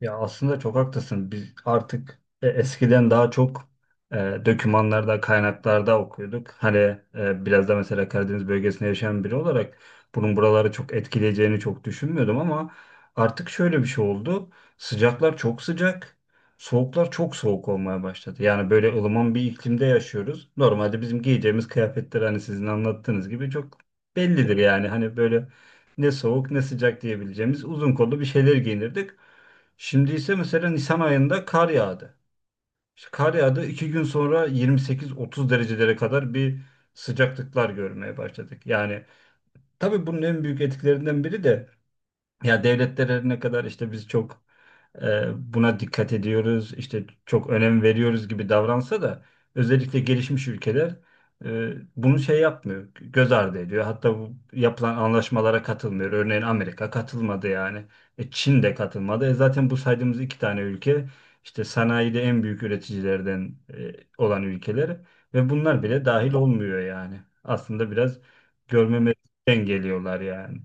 Ya aslında çok haklısın. Biz artık eskiden daha çok e, dokümanlarda, kaynaklarda okuyorduk. Hani biraz da mesela Karadeniz bölgesinde yaşayan biri olarak bunun buraları çok etkileyeceğini çok düşünmüyordum ama artık şöyle bir şey oldu. Sıcaklar çok sıcak, soğuklar çok soğuk olmaya başladı. Yani böyle ılıman bir iklimde yaşıyoruz. Normalde bizim giyeceğimiz kıyafetler hani sizin anlattığınız gibi çok bellidir yani. Hani böyle ne soğuk ne sıcak diyebileceğimiz uzun kollu bir şeyler giyinirdik. Şimdi ise mesela Nisan ayında kar yağdı. İşte kar yağdı. 2 gün sonra 28-30 derecelere kadar bir sıcaklıklar görmeye başladık. Yani tabii bunun en büyük etkilerinden biri de ya devletler her ne kadar işte biz çok buna dikkat ediyoruz, işte çok önem veriyoruz gibi davransa da özellikle gelişmiş ülkeler bunu şey yapmıyor, göz ardı ediyor. Hatta bu yapılan anlaşmalara katılmıyor. Örneğin Amerika katılmadı yani. Çin de katılmadı. Zaten bu saydığımız iki tane ülke işte sanayide en büyük üreticilerden olan ülkeler ve bunlar bile dahil olmuyor yani. Aslında biraz görmemezlikten geliyorlar yani.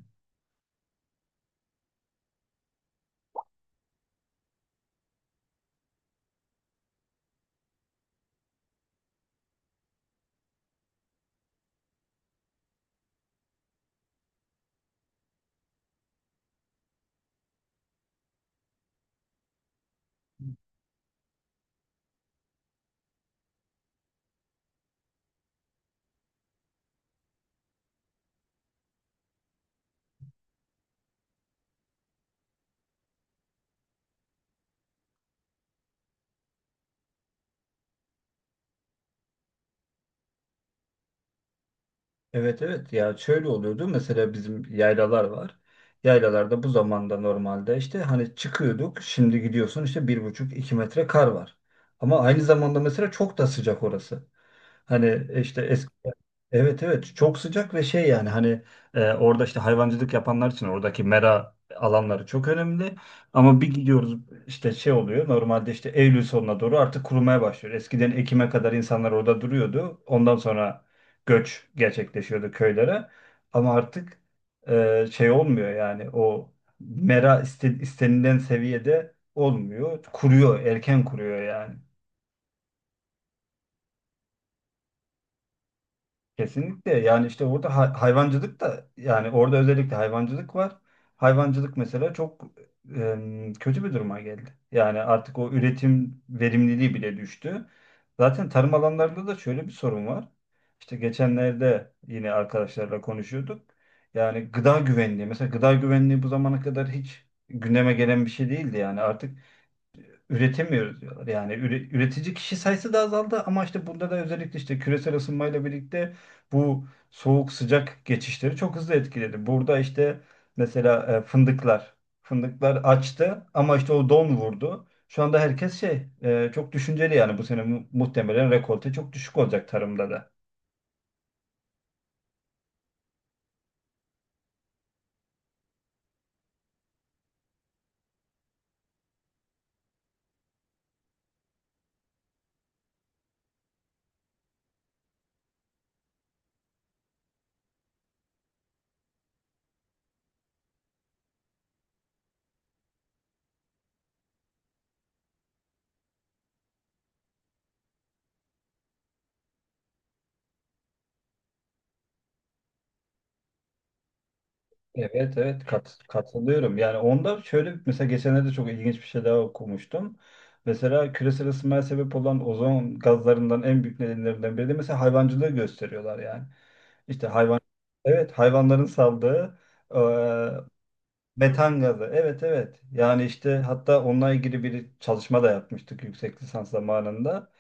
Evet, evet, ya şöyle oluyordu mesela, bizim yaylalar var. Yaylalarda bu zamanda normalde işte hani çıkıyorduk, şimdi gidiyorsun işte 1,5-2 metre kar var. Ama aynı zamanda mesela çok da sıcak orası. Hani işte eski. Evet, evet, çok sıcak ve şey yani hani orada işte hayvancılık yapanlar için oradaki mera alanları çok önemli. Ama bir gidiyoruz işte şey oluyor, normalde işte Eylül sonuna doğru artık kurumaya başlıyor. Eskiden Ekim'e kadar insanlar orada duruyordu. Ondan sonra göç gerçekleşiyordu köylere. Ama artık şey olmuyor yani, o mera istenilen seviyede olmuyor. Kuruyor, erken kuruyor yani. Kesinlikle, yani işte orada hayvancılık da, yani orada özellikle hayvancılık var. Hayvancılık mesela çok kötü bir duruma geldi. Yani artık o üretim verimliliği bile düştü. Zaten tarım alanlarında da şöyle bir sorun var. İşte geçenlerde yine arkadaşlarla konuşuyorduk. Yani gıda güvenliği, mesela gıda güvenliği bu zamana kadar hiç gündeme gelen bir şey değildi, yani artık üretemiyoruz diyorlar. Yani üretici kişi sayısı da azaldı, ama işte burada da özellikle işte küresel ısınmayla birlikte bu soğuk sıcak geçişleri çok hızlı etkiledi. Burada işte mesela fındıklar fındıklar açtı ama işte o don vurdu. Şu anda herkes şey çok düşünceli yani, bu sene muhtemelen rekolte çok düşük olacak tarımda da. Evet, evet, katılıyorum. Yani onda şöyle, mesela geçenlerde çok ilginç bir şey daha okumuştum. Mesela küresel ısınmaya sebep olan ozon gazlarından en büyük nedenlerinden biri de mesela hayvancılığı gösteriyorlar yani. İşte evet, hayvanların saldığı metan gazı. Evet, evet. Yani işte hatta onunla ilgili bir çalışma da yapmıştık yüksek lisans zamanında.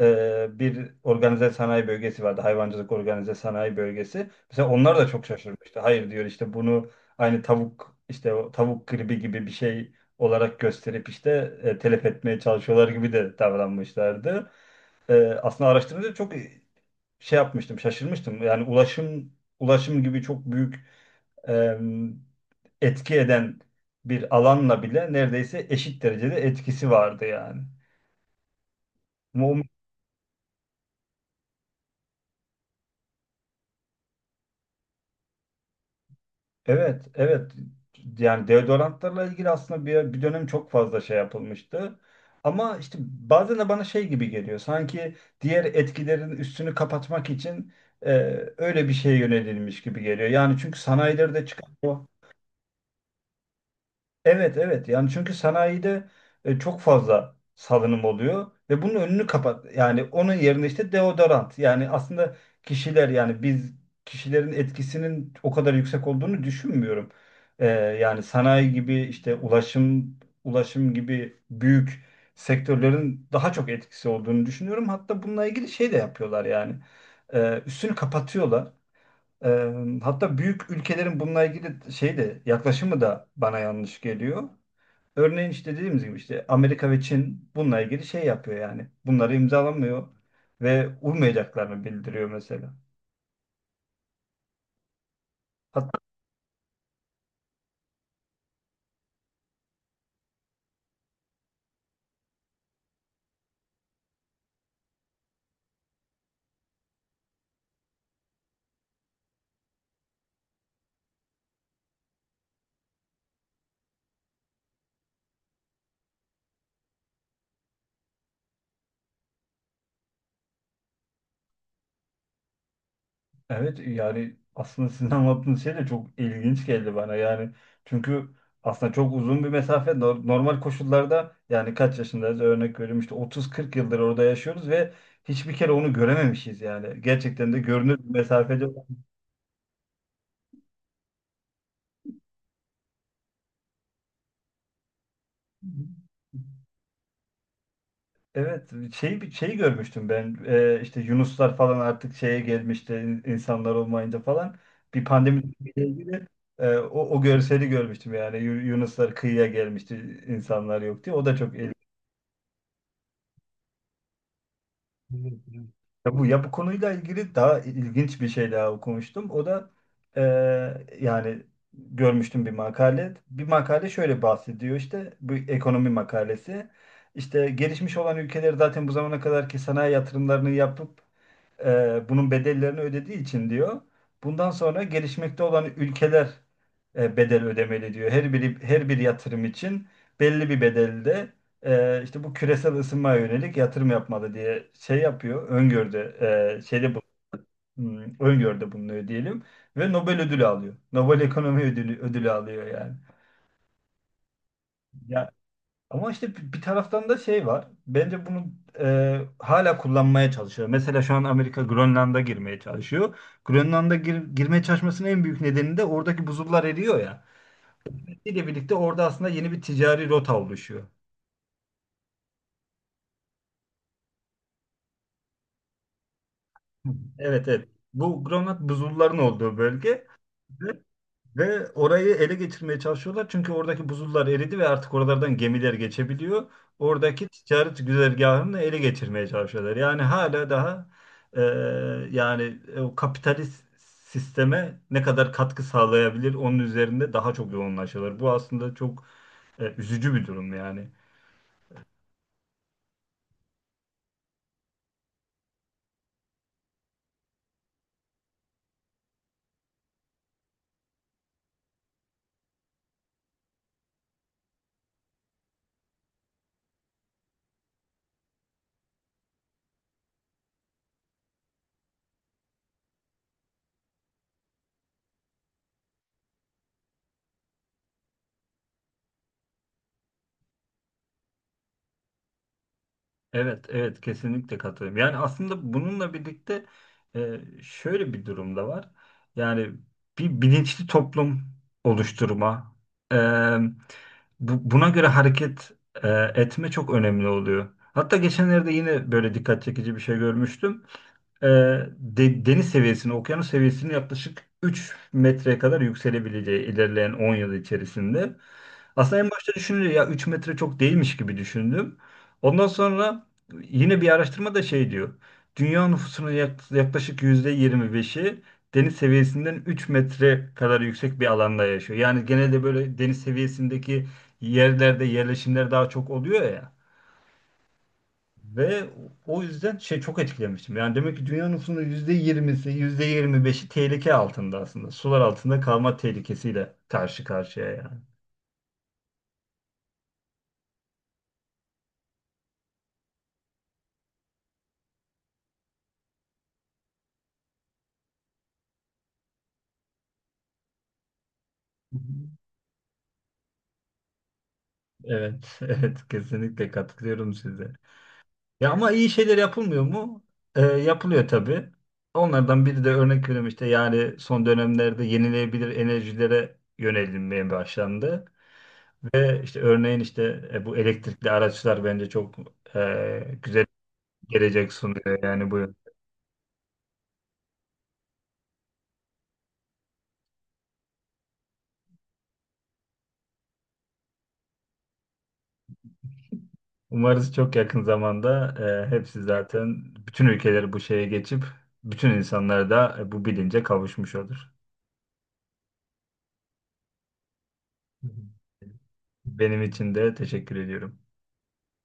Bir organize sanayi bölgesi vardı. Hayvancılık organize sanayi bölgesi. Mesela onlar da çok şaşırmıştı. Hayır diyor, işte bunu aynı tavuk işte o tavuk gribi gibi bir şey olarak gösterip işte telef etmeye çalışıyorlar gibi de davranmışlardı. Aslında araştırınca çok şey yapmıştım, şaşırmıştım. Yani ulaşım, ulaşım gibi çok büyük e, etki eden bir alanla bile neredeyse eşit derecede etkisi vardı yani. Mu- Evet, evet. Yani deodorantlarla ilgili aslında bir dönem çok fazla şey yapılmıştı. Ama işte bazen de bana şey gibi geliyor. Sanki diğer etkilerin üstünü kapatmak için e, öyle bir şeye yönelilmiş gibi geliyor. Yani çünkü sanayilerde çıkan o. Evet, evet, yani çünkü sanayide çok fazla salınım oluyor ve bunun önünü kapat, yani onun yerine işte deodorant, yani aslında kişiler, yani biz, kişilerin etkisinin o kadar yüksek olduğunu düşünmüyorum. Yani sanayi gibi, işte ulaşım, ulaşım gibi büyük sektörlerin daha çok etkisi olduğunu düşünüyorum. Hatta bununla ilgili şey de yapıyorlar yani. Üstünü kapatıyorlar. E, Hatta büyük ülkelerin bununla ilgili şey de, yaklaşımı da bana yanlış geliyor. Örneğin işte dediğimiz gibi, işte Amerika ve Çin bununla ilgili şey yapıyor yani. Bunları imzalamıyor ve uymayacaklarını bildiriyor mesela. Hatta, evet, yani aslında sizin anlattığınız şey de çok ilginç geldi bana yani. Çünkü aslında çok uzun bir mesafe, normal koşullarda yani kaç yaşındayız, örnek veriyorum işte 30-40 yıldır orada yaşıyoruz ve hiçbir kere onu görememişiz yani. Gerçekten de görünür bir mesafede. Evet, şey, bir şey görmüştüm ben. İşte Yunuslar falan artık şeye gelmişti, insanlar olmayınca falan, bir pandemi ile ilgili o görseli görmüştüm yani. Yunuslar kıyıya gelmişti insanlar yok diye, o da çok ilginç. Ya bu konuyla ilgili daha ilginç bir şey daha okumuştum o da e, yani görmüştüm bir makale, bir makale şöyle bahsediyor, işte bu ekonomi makalesi. İşte gelişmiş olan ülkeler zaten bu zamana kadarki sanayi yatırımlarını yapıp bunun bedellerini ödediği için diyor. Bundan sonra gelişmekte olan ülkeler bedel ödemeli diyor. Her biri, her bir yatırım için belli bir bedelde işte bu küresel ısınmaya yönelik yatırım yapmalı diye şey yapıyor. Öngördü, şeyde bu, öngördü bulunuyor diyelim ve Nobel ödülü alıyor. Nobel Ekonomi Ödülü, ödülü alıyor yani. Ama işte bir taraftan da şey var. Bence bunu hala kullanmaya çalışıyor. Mesela şu an Amerika Grönland'a girmeye çalışıyor. Grönland'a girmeye çalışmasının en büyük nedeni de oradaki buzullar eriyor ya. İle birlikte orada aslında yeni bir ticari rota oluşuyor. Evet, evet. Bu Grönland, buzulların olduğu bölge. Ve orayı ele geçirmeye çalışıyorlar. Çünkü oradaki buzullar eridi ve artık oralardan gemiler geçebiliyor. Oradaki ticaret güzergahını ele geçirmeye çalışıyorlar. Yani hala daha e, yani o kapitalist sisteme ne kadar katkı sağlayabilir onun üzerinde daha çok yoğunlaşıyorlar. Bu aslında çok üzücü bir durum yani. Evet, evet, kesinlikle katılıyorum. Yani aslında bununla birlikte şöyle bir durum da var. Yani bir bilinçli toplum oluşturma, e, buna göre hareket e, etme çok önemli oluyor. Hatta geçenlerde yine böyle dikkat çekici bir şey görmüştüm. E, Deniz seviyesini, okyanus seviyesini yaklaşık 3 metreye kadar yükselebileceği ilerleyen 10 yıl içerisinde. Aslında en başta düşününce, ya 3 metre çok değilmiş gibi düşündüm. Ondan sonra yine bir araştırma da şey diyor. Dünya nüfusunun yaklaşık %25'i deniz seviyesinden 3 metre kadar yüksek bir alanda yaşıyor. Yani genelde böyle deniz seviyesindeki yerlerde yerleşimler daha çok oluyor ya. Ve o yüzden şey, çok etkilemiştim. Yani demek ki dünya nüfusunun yüzde yirmisi, yüzde yirmi beşi tehlike altında aslında. Sular altında kalma tehlikesiyle karşı karşıya yani. Evet, evet, kesinlikle katılıyorum size. Ya ama iyi şeyler yapılmıyor mu? Yapılıyor tabii. Onlardan biri de, örnek veriyorum işte, yani son dönemlerde yenilenebilir enerjilere yönelinmeye başlandı. Ve işte örneğin işte bu elektrikli araçlar bence çok güzel bir gelecek sunuyor yani bu. Umarız çok yakın zamanda hepsi, zaten bütün ülkeler bu şeye geçip bütün insanlar da bu bilince kavuşmuş olur. Hı hı. Benim için de teşekkür ediyorum.